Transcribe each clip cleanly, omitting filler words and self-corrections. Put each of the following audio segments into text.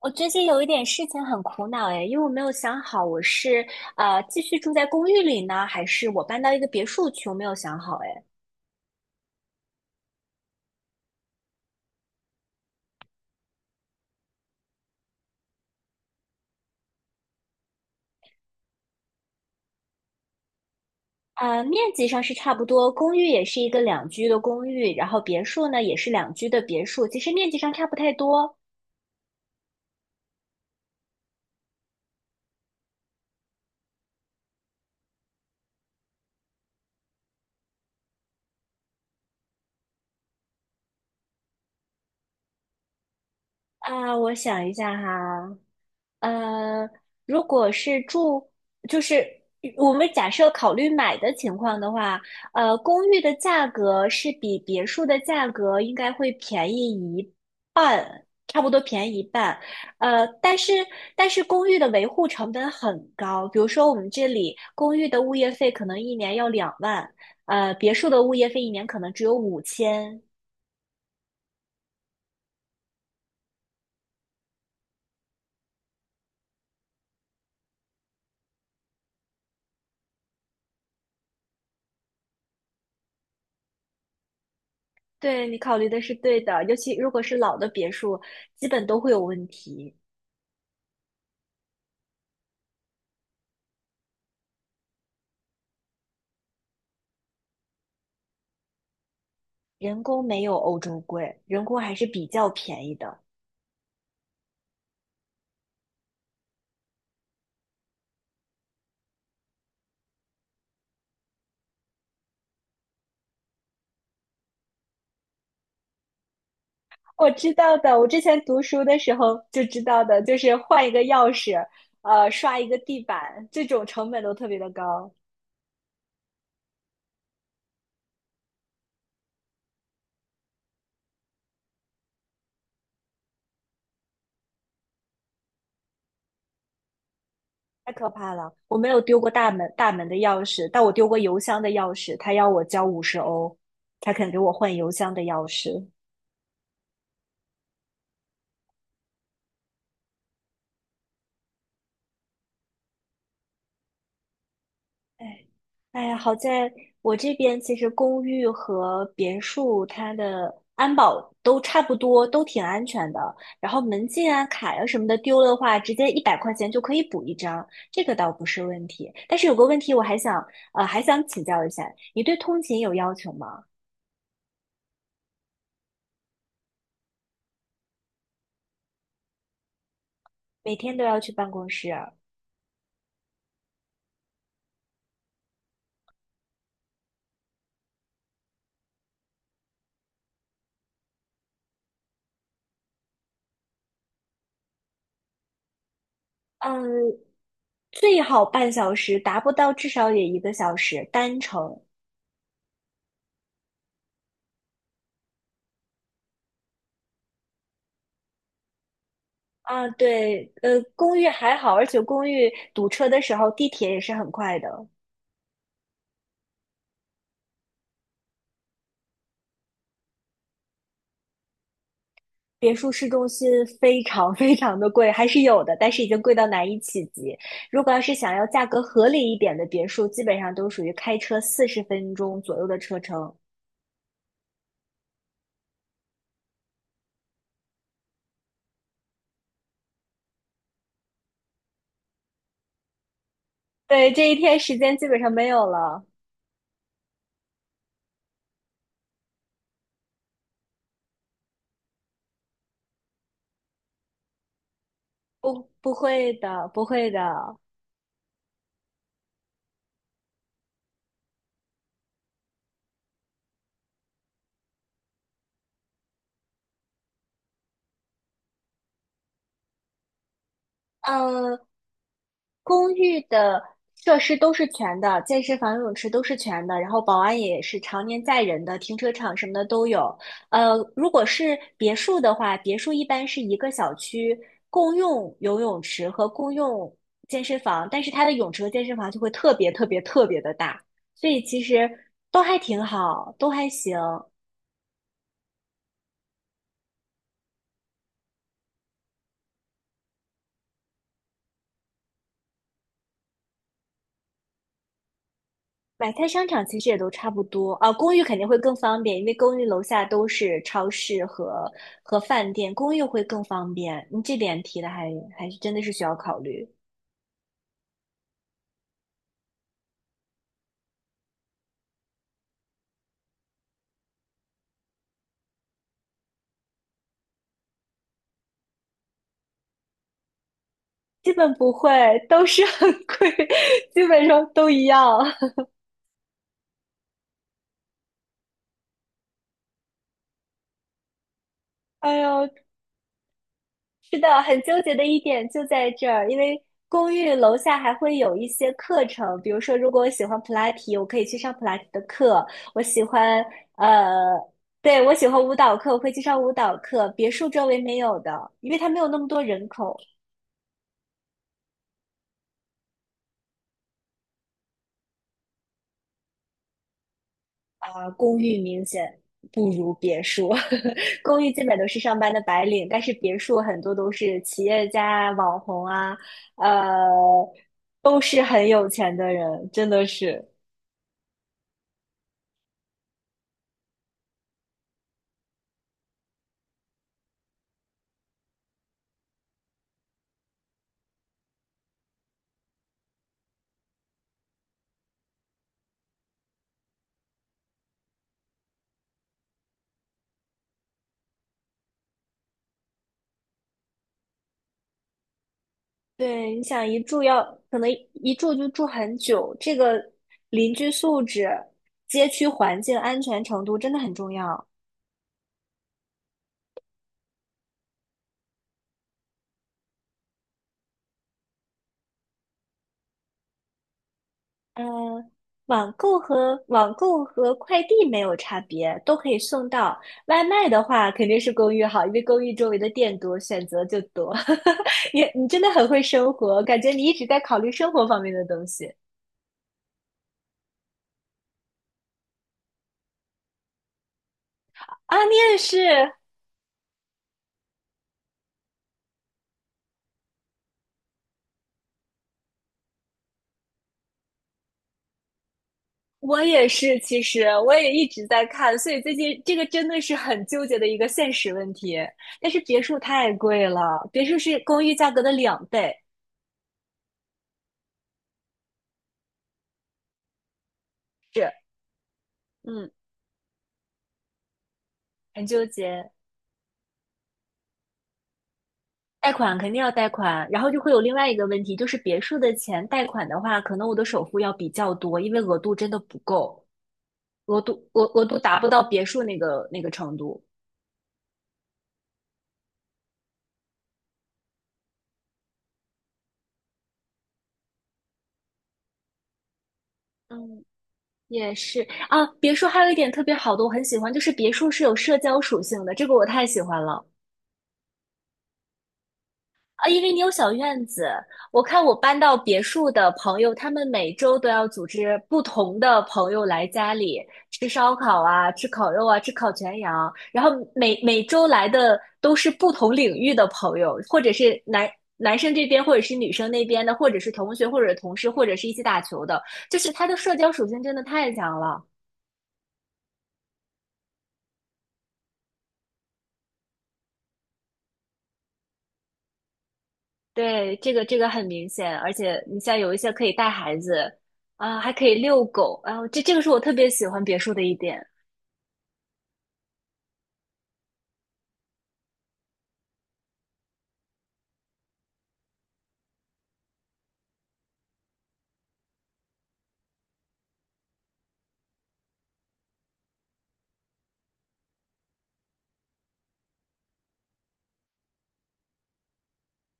我最近有一点事情很苦恼哎，因为我没有想好我是继续住在公寓里呢，还是我搬到一个别墅去，我没有想好哎。面积上是差不多，公寓也是一个两居的公寓，然后别墅呢也是两居的别墅，其实面积上差不太多。啊、我想一下哈，呃，如果是住，就是我们假设考虑买的情况的话，公寓的价格是比别墅的价格应该会便宜一半，差不多便宜一半。呃，但是但是公寓的维护成本很高，比如说我们这里公寓的物业费可能一年要2万，别墅的物业费一年可能只有5千。对，你考虑的是对的，尤其如果是老的别墅，基本都会有问题。人工没有欧洲贵，人工还是比较便宜的。我知道的，我之前读书的时候就知道的，就是换一个钥匙，刷一个地板，这种成本都特别的高，太可怕了。我没有丢过大门的钥匙，但我丢过邮箱的钥匙，他要我交50欧，他肯给我换邮箱的钥匙。哎，哎呀，好在我这边其实公寓和别墅它的安保都差不多，都挺安全的。然后门禁啊、卡呀、什么的丢了的话，直接100块钱就可以补一张，这个倒不是问题。但是有个问题，我还想还想请教一下，你对通勤有要求吗？每天都要去办公室？嗯，最好半小时，达不到至少也一个小时单程。啊，对，公寓还好，而且公寓堵车的时候，地铁也是很快的。别墅市中心非常 非常的贵，还是有的，但是已经贵到难以企及。如果要是想要价格合理一点的别墅，基本上都属于开车40分钟左右的车程。对，这一天时间基本上没有了。不，不会的，不会的。嗯。公寓的设施都是全的，健身房、游泳池都是全的，然后保安也是常年在人的，停车场什么的都有。如果是别墅的话，别墅一般是一个小区共用游泳池和共用健身房，但是它的泳池和健身房就会特别特别特别的大，所以其实都还挺好，都还行。买菜商场其实也都差不多啊，公寓肯定会更方便，因为公寓楼下都是超市和饭店，公寓会更方便。你这点提的还是真的是需要考虑，基本不会，都是很贵，基本上都一样。哎呦，是的，很纠结的一点就在这儿，因为公寓楼下还会有一些课程，比如说，如果我喜欢普拉提，我可以去上普拉提的课；我喜欢呃，对，我喜欢舞蹈课，我会去上舞蹈课。别墅周围没有的，因为它没有那么多人口啊，公寓明显不如别墅，公寓基本都是上班的白领，但是别墅很多都是企业家啊网红啊，呃，都是很有钱的人，真的是。对，你想一住要可能一住就住很久，这个邻居素质、街区环境安全程度真的很重要。嗯，网购和快递没有差别，都可以送到。外卖的话，肯定是公寓好，因为公寓周围的店多，选择就多。你真的很会生活，感觉你一直在考虑生活方面的东西啊！你也是，我也是，其实我也一直在看，所以最近这个真的是很纠结的一个现实问题。但是别墅太贵了，别墅是公寓价格的2倍，是，嗯，很纠结。贷款肯定要贷款，然后就会有另外一个问题，就是别墅的钱贷款的话，可能我的首付要比较多，因为额度真的不够，额度额额度达不到别墅那个程度。嗯，也是啊，别墅还有一点特别好的，我很喜欢，就是别墅是有社交属性的，这个我太喜欢了。啊，因为你有小院子，我看我搬到别墅的朋友，他们每周都要组织不同的朋友来家里吃烧烤啊，吃烤肉啊，吃烤全羊，然后每周来的都是不同领域的朋友，或者是男生这边，或者是女生那边的，或者是同学，或者是同事，或者是一起打球的，就是他的社交属性真的太强了。对，这个很明显，而且你像有一些可以带孩子啊，还可以遛狗，啊，这个是我特别喜欢别墅的一点。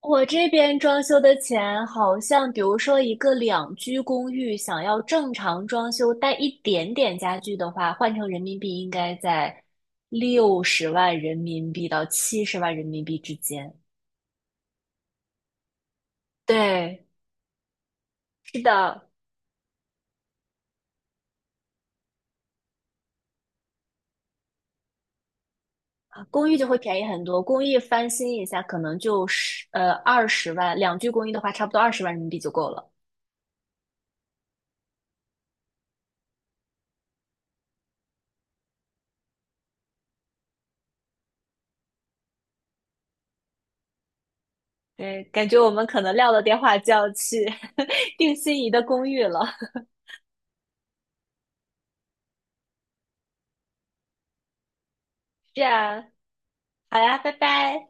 我这边装修的钱好像，比如说一个两居公寓，想要正常装修带一点点家具的话，换成人民币应该在60万人民币到70万人民币之间。对，啊公寓就会便宜很多，公寓翻新一下可能就二十万，两居公寓的话差不多20万人民币就够了。对，感觉我们可能撂了电话就要去 定心仪的公寓了。是啊，好呀，拜拜。